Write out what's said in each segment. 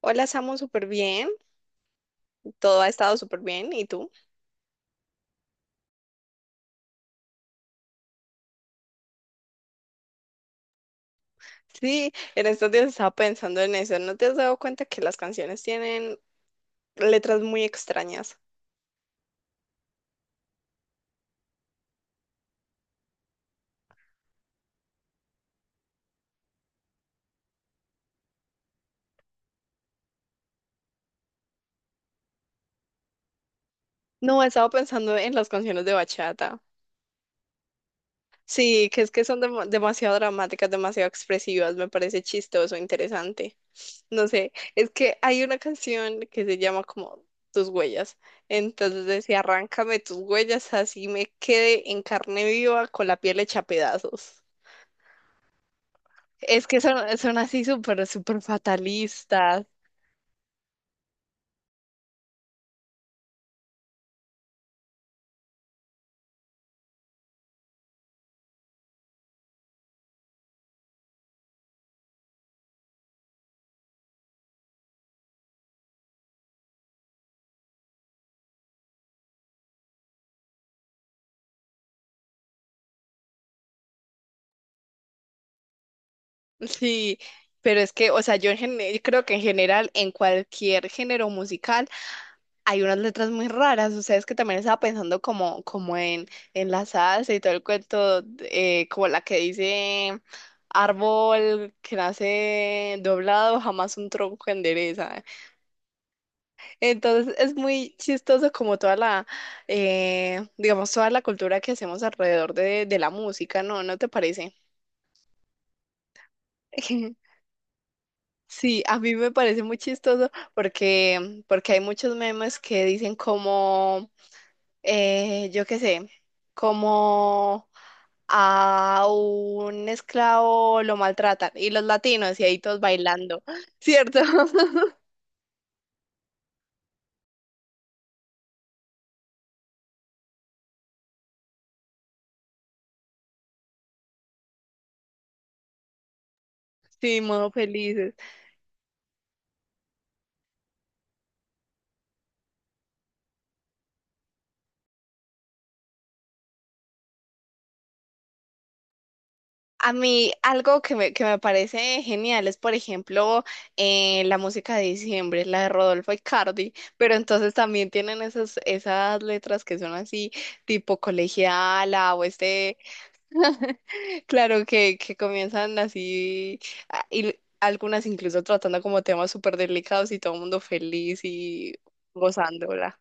Hola, Samu, súper bien. Todo ha estado súper bien. ¿Y tú? Sí, en estos días estaba pensando en eso. ¿No te has dado cuenta que las canciones tienen letras muy extrañas? No, he estado pensando en las canciones de bachata. Sí, que es que son demasiado dramáticas, demasiado expresivas. Me parece chistoso, interesante. No sé, es que hay una canción que se llama como Tus huellas. Entonces decía, arráncame tus huellas, así me quede en carne viva con la piel hecha pedazos. Es que son así súper fatalistas. Sí, pero es que, o sea, yo, yo creo que en general, en cualquier género musical, hay unas letras muy raras. O sea, es que también estaba pensando como en la salsa y todo el cuento, como la que dice árbol que nace doblado, jamás un tronco endereza. Entonces es muy chistoso como toda la, digamos, toda la cultura que hacemos alrededor de la música, ¿no? ¿No te parece? Sí, a mí me parece muy chistoso porque, porque hay muchos memes que dicen como, yo qué sé, como a un esclavo lo maltratan y los latinos y ahí todos bailando, ¿cierto? Sí, modo felices. A mí algo que me parece genial es, por ejemplo, la música de diciembre, la de Rodolfo Icardi, pero entonces también tienen esas, esas letras que son así, tipo colegiala o este, claro, que comienzan así, y algunas incluso tratando como temas súper delicados y todo el mundo feliz y gozándola.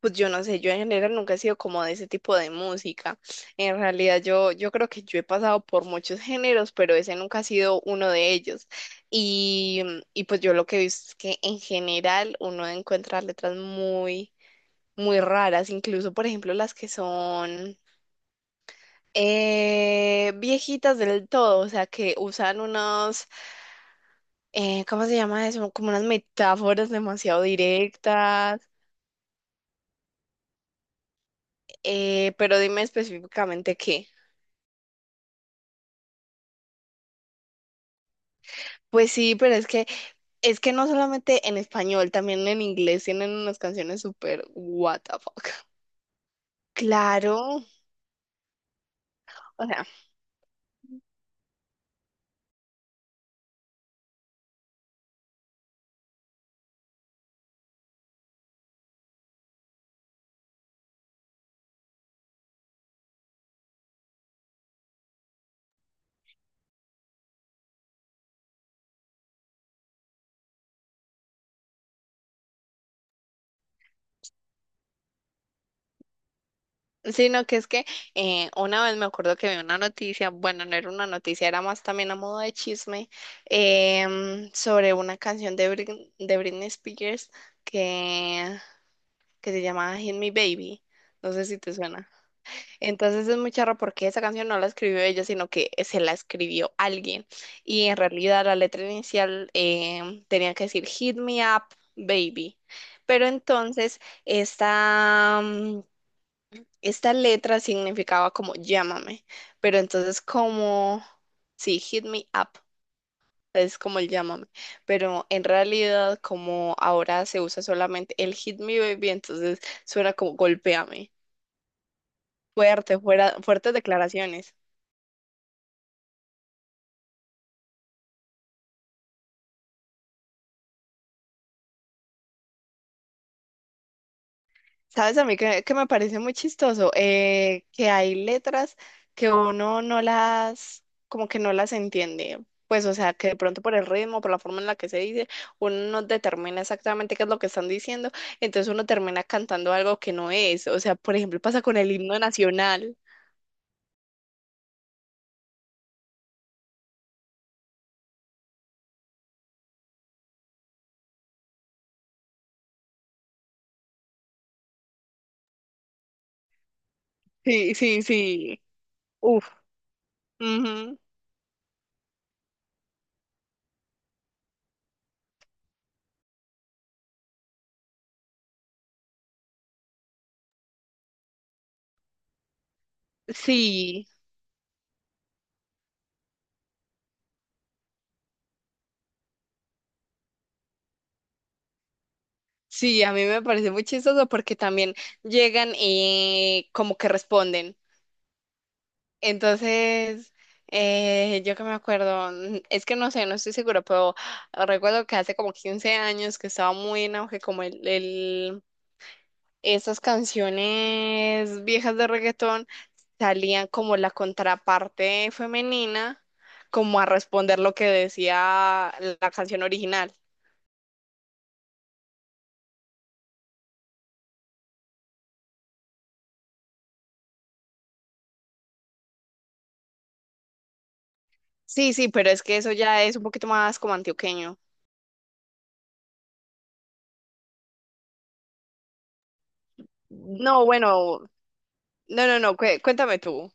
Pues yo no sé, yo en general nunca he sido como de ese tipo de música. En realidad yo, yo creo que yo he pasado por muchos géneros, pero ese nunca ha sido uno de ellos. Y, y pues yo lo que he visto es que en general uno encuentra letras muy, muy raras, incluso por ejemplo las que son viejitas del todo, o sea que usan unos, ¿cómo se llama eso? Como unas metáforas demasiado directas, pero dime específicamente qué. Pues sí, pero es que es que no solamente en español, también en inglés tienen unas canciones súper what the fuck. Claro, o sea, sino que es que una vez me acuerdo que vi una noticia, bueno, no era una noticia, era más también a modo de chisme, sobre una canción de, de Britney Spears que, que se llamaba Hit Me Baby. No sé si te suena. Entonces es muy charro porque esa canción no la escribió ella, sino que se la escribió alguien. Y en realidad la letra inicial tenía que decir Hit me up, baby. Pero entonces esta esta letra significaba como llámame. Pero entonces como, sí, hit me up. Es como el llámame, pero en realidad como ahora se usa solamente el hit me baby, entonces suena como golpéame. Fuerte, fuera, fuertes declaraciones. ¿Sabes a mí que me parece muy chistoso? Que hay letras que uno no las, como que no las entiende. Pues, o sea, que de pronto por el ritmo, por la forma en la que se dice, uno no determina exactamente qué es lo que están diciendo, entonces uno termina cantando algo que no es. O sea, por ejemplo, pasa con el himno nacional. Sí, sí, sí. Uf. Ujú. Sí, sí, a mí me parece muy chistoso porque también llegan y como que responden. Entonces, yo que me acuerdo, es que no sé, no estoy segura, pero recuerdo que hace como 15 años que estaba muy en auge como esas canciones viejas de reggaetón salían como la contraparte femenina, como a responder lo que decía la canción original. Sí, sí, pero es que eso ya es un poquito más como antioqueño. No, bueno, no, no, no, cuéntame tú.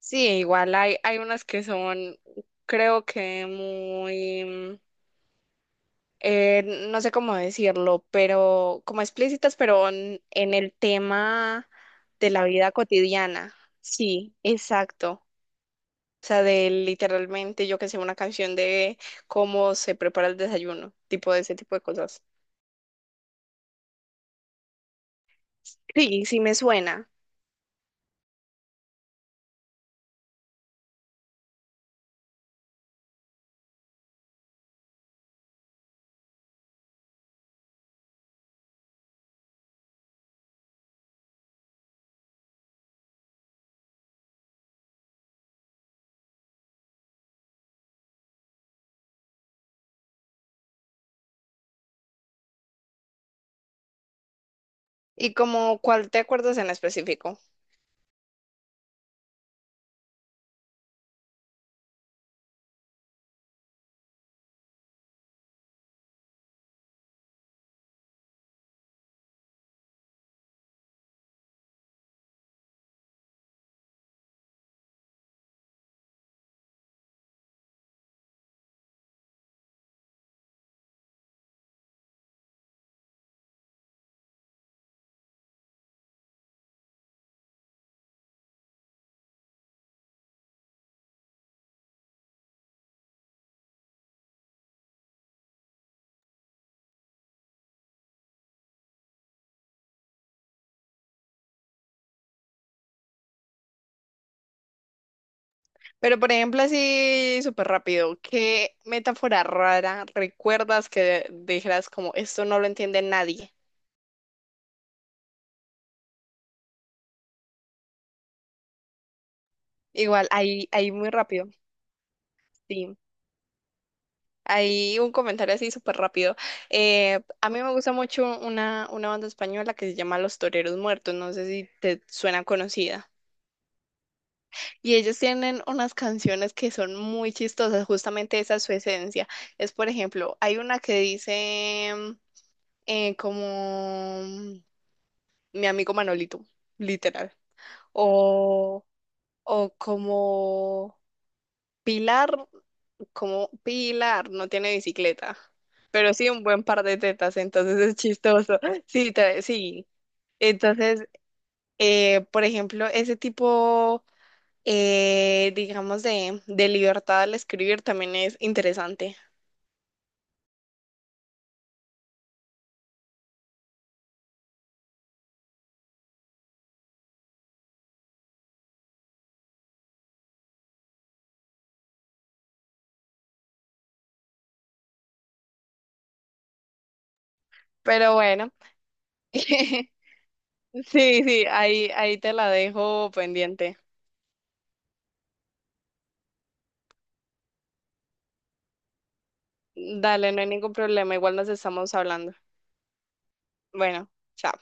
Sí, igual hay, hay unas que son, creo que muy, eh, no sé cómo decirlo, pero como explícitas, pero en el tema de la vida cotidiana. Sí, exacto. O sea, de literalmente, yo que sé, una canción de cómo se prepara el desayuno, tipo de ese tipo de cosas. Sí, sí me suena. ¿Y como cuál te acuerdas en específico? Pero por ejemplo, así súper rápido, ¿qué metáfora rara recuerdas que dijeras como esto no lo entiende nadie? Igual, ahí, ahí muy rápido, sí. Ahí un comentario así súper rápido. A mí me gusta mucho una banda española que se llama Los Toreros Muertos, no sé si te suena conocida. Y ellos tienen unas canciones que son muy chistosas, justamente esa es su esencia. Es, por ejemplo, hay una que dice como... mi amigo Manolito, literal. O, o Pilar, como Pilar no tiene bicicleta, pero sí un buen par de tetas, entonces es chistoso. Sí, sí. Entonces, por ejemplo, ese tipo, digamos, de libertad al escribir también es interesante. Pero bueno, sí, sí, ahí, ahí te la dejo pendiente. Dale, no hay ningún problema, igual nos estamos hablando. Bueno, chao.